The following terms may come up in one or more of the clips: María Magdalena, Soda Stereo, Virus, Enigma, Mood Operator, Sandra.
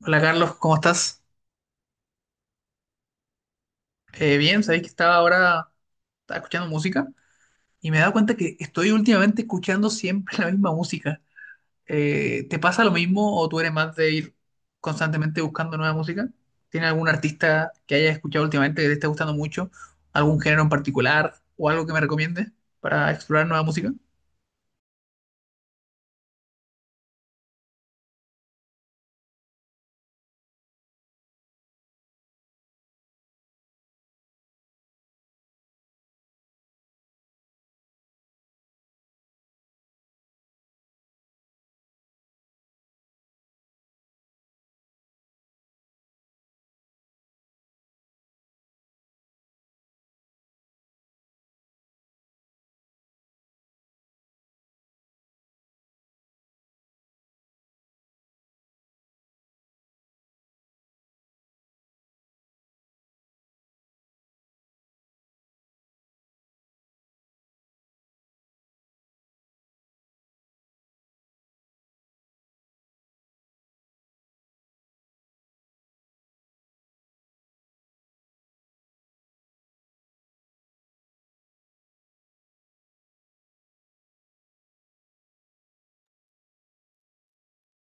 Hola Carlos, ¿cómo estás? Bien, sabéis que estaba escuchando música y me he dado cuenta que estoy últimamente escuchando siempre la misma música. ¿Te pasa lo mismo o tú eres más de ir constantemente buscando nueva música? ¿Tienes algún artista que hayas escuchado últimamente que te esté gustando mucho? ¿Algún género en particular o algo que me recomiendes para explorar nueva música?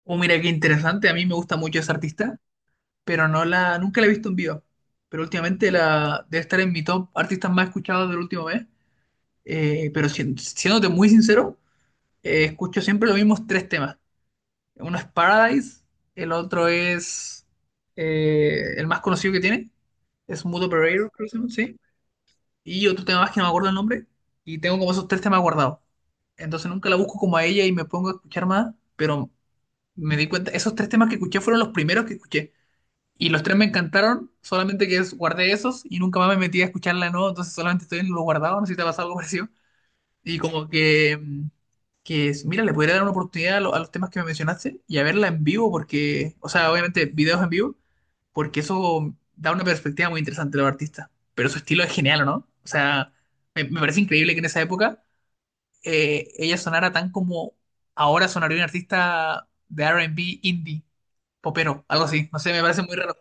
Oh, mira qué interesante, a mí me gusta mucho ese artista, pero nunca la he visto en vivo. Pero debe estar en mi top artistas más escuchados del último mes. Pero siéndote muy sincero, escucho siempre los mismos tres temas. Uno es Paradise, el otro es el más conocido que tiene, es Mood Operator, creo que se llama, sí. Y otro tema más que no me acuerdo el nombre. Y tengo como esos tres temas guardados. Entonces nunca la busco como a ella y me pongo a escuchar más, pero me di cuenta, esos tres temas que escuché fueron los primeros que escuché. Y los tres me encantaron, solamente que guardé esos y nunca más me metí a escucharla, ¿no? Entonces solamente estoy en lo guardado, no sé si te ha pasado algo parecido. Y como que, que mira, le podría dar una oportunidad a los temas que me mencionaste y a verla en vivo, porque, o sea, obviamente videos en vivo, porque eso da una perspectiva muy interesante de los artistas. Pero su estilo es genial, ¿no? O sea, me parece increíble que en esa época ella sonara tan como ahora sonaría un artista de R&B indie, popero, algo así. No sé, me parece muy raro.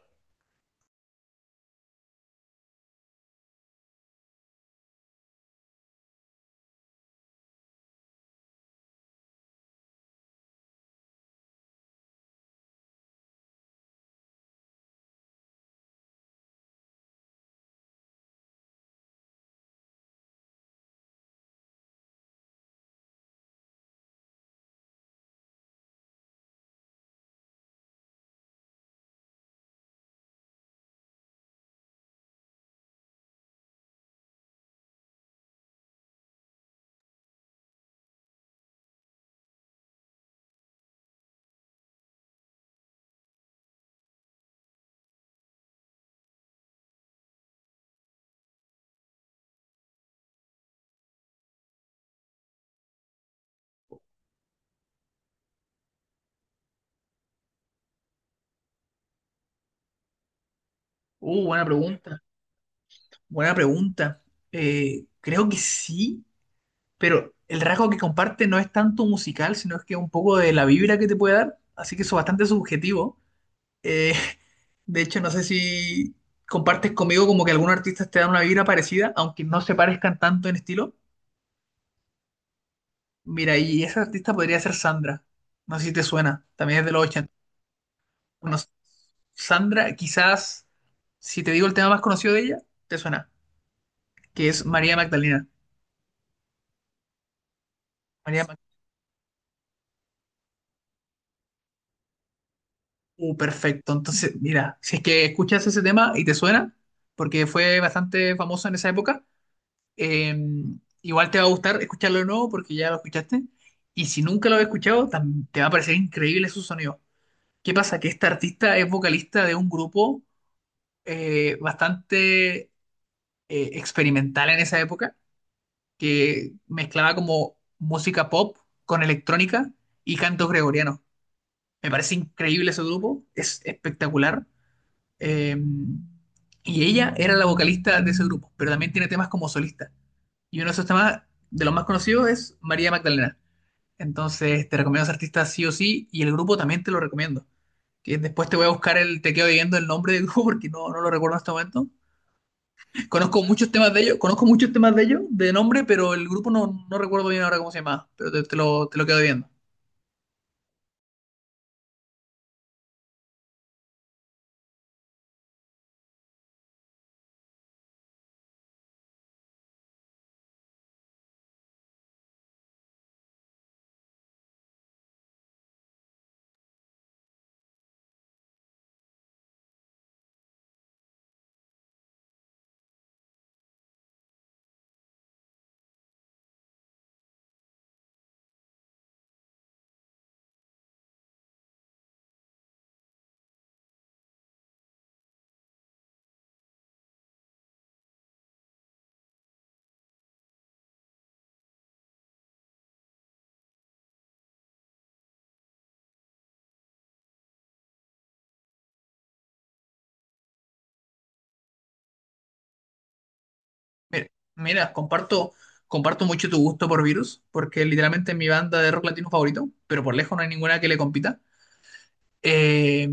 Buena pregunta, buena pregunta. Creo que sí. Pero el rasgo que comparte no es tanto musical, sino es que un poco de la vibra que te puede dar, así que eso es bastante subjetivo. Eh, de hecho, no sé si compartes conmigo como que algunos artistas te dan una vibra parecida, aunque no se parezcan tanto en estilo. Mira, y esa artista podría ser Sandra. No sé si te suena, también es de los 80. No sé. Sandra, quizás, si te digo el tema más conocido de ella, te suena, que es María Magdalena. María Magdalena. Perfecto. Entonces, mira, si es que escuchas ese tema y te suena, porque fue bastante famoso en esa época, eh, igual te va a gustar escucharlo de nuevo porque ya lo escuchaste. Y si nunca lo has escuchado, te va a parecer increíble su sonido. ¿Qué pasa? Que esta artista es vocalista de un grupo bastante experimental en esa época, que mezclaba como música pop con electrónica y cantos gregorianos. Me parece increíble ese grupo, es espectacular. Eh, y ella era la vocalista de ese grupo, pero también tiene temas como solista. Y uno de esos temas de los más conocidos es María Magdalena. Entonces te recomiendo a ese artista sí o sí y el grupo también te lo recomiendo. Que después te voy a buscar el, te quedo viendo el nombre del grupo porque no lo recuerdo en este momento. Conozco muchos temas de ellos, conozco muchos temas de ellos de nombre, pero el grupo no recuerdo bien ahora cómo se llamaba, pero te lo quedo viendo. Mira, mira, comparto mucho tu gusto por Virus, porque literalmente es mi banda de rock latino favorito, pero por lejos no hay ninguna que le compita. Eh,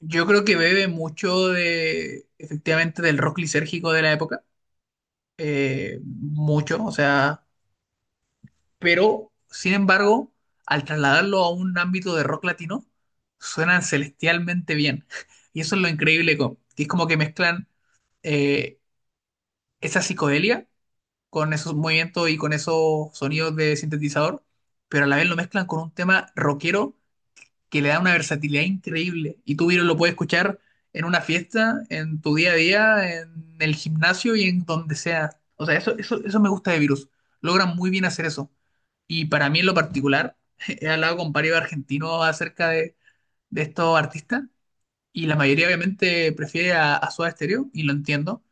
yo creo que bebe mucho de, efectivamente, del rock lisérgico de la época, mucho, o sea, pero sin embargo, al trasladarlo a un ámbito de rock latino, suenan celestialmente bien. Y eso es lo increíble, que es como que mezclan eh, esa psicodelia con esos movimientos y con esos sonidos de sintetizador, pero a la vez lo mezclan con un tema rockero que le da una versatilidad increíble. Y tú, Viro, lo puedes escuchar en una fiesta, en tu día a día, en el gimnasio y en donde sea. O sea, eso me gusta de Virus. Logran muy bien hacer eso. Y para mí en lo particular, he hablado con varios argentinos acerca de estos artistas y la mayoría obviamente prefiere a Soda Stereo y lo entiendo,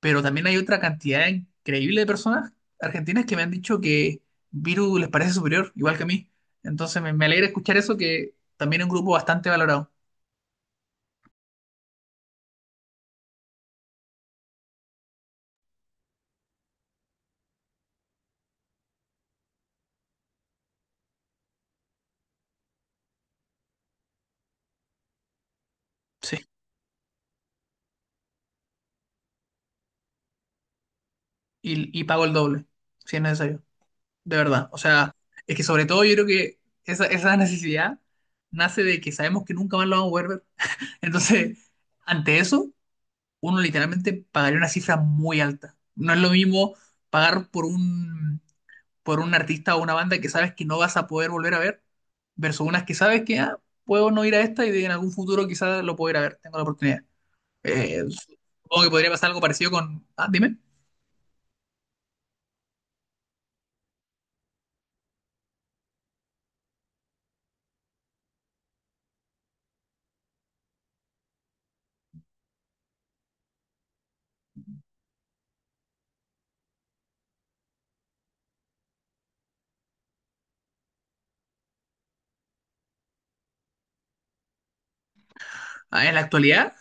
pero también hay otra cantidad increíble de personas argentinas que me han dicho que Viru les parece superior, igual que a mí. Entonces me alegra escuchar eso, que también es un grupo bastante valorado. Sí. Y pago el doble, si es necesario. De verdad. O sea, es que sobre todo yo creo que esa necesidad nace de que sabemos que nunca más lo vamos a poder ver. Entonces, ante eso, uno literalmente pagaría una cifra muy alta. No es lo mismo pagar por un artista o una banda que sabes que no vas a poder volver a ver, versus unas que sabes que ah, puedo no ir a esta y en algún futuro quizás lo puedo ir a ver, tengo la oportunidad. Eh, Supongo que podría pasar algo parecido con... Ah, dime. Ah, en la actualidad,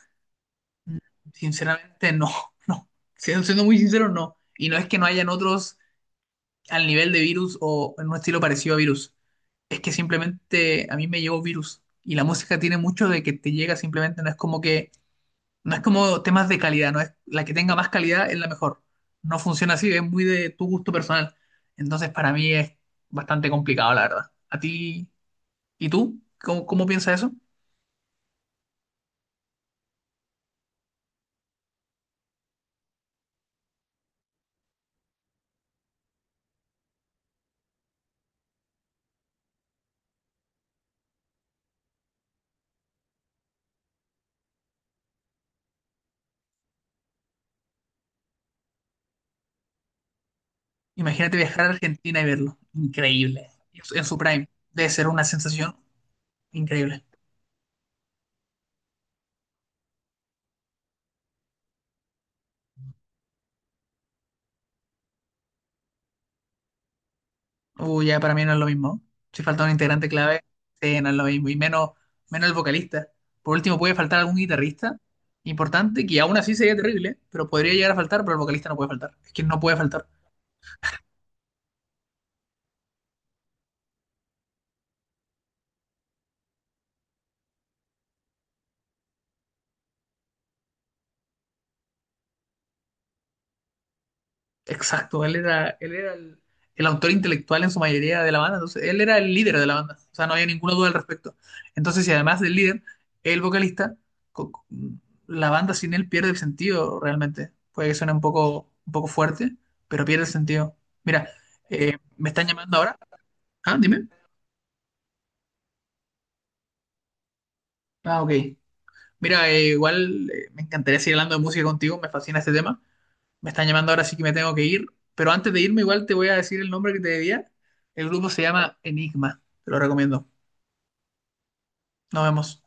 sinceramente no, no. Siendo muy sincero, no. Y no es que no hayan otros al nivel de Virus o en un estilo parecido a Virus. Es que simplemente a mí me llegó Virus. Y la música tiene mucho de que te llega simplemente, no es como que no es como temas de calidad, no es la que tenga más calidad es la mejor. No funciona así, es muy de tu gusto personal. Entonces, para mí es bastante complicado, la verdad. ¿A ti y tú? Cómo piensas eso? Imagínate viajar a Argentina y verlo. Increíble. En su prime. Debe ser una sensación increíble. Uy, ya para mí no es lo mismo. Si falta un integrante clave, sí, no es lo mismo. Y menos el vocalista. Por último, puede faltar algún guitarrista importante, que aún así sería terrible, ¿eh? Pero podría llegar a faltar, pero el vocalista no puede faltar. Es que no puede faltar. Exacto, él era el autor intelectual en su mayoría de la banda, entonces él era el líder de la banda, o sea, no había ninguna duda al respecto. Entonces, si además del líder, el vocalista, co- co- la banda sin él pierde el sentido realmente. Puede que suene un poco fuerte, pero pierde el sentido. Mira, me están llamando ahora. Ah, dime. Ah, ok. Mira, igual me encantaría seguir hablando de música contigo, me fascina este tema. Me están llamando ahora, sí que me tengo que ir. Pero antes de irme, igual te voy a decir el nombre que te debía. El grupo se llama Enigma. Te lo recomiendo. Nos vemos.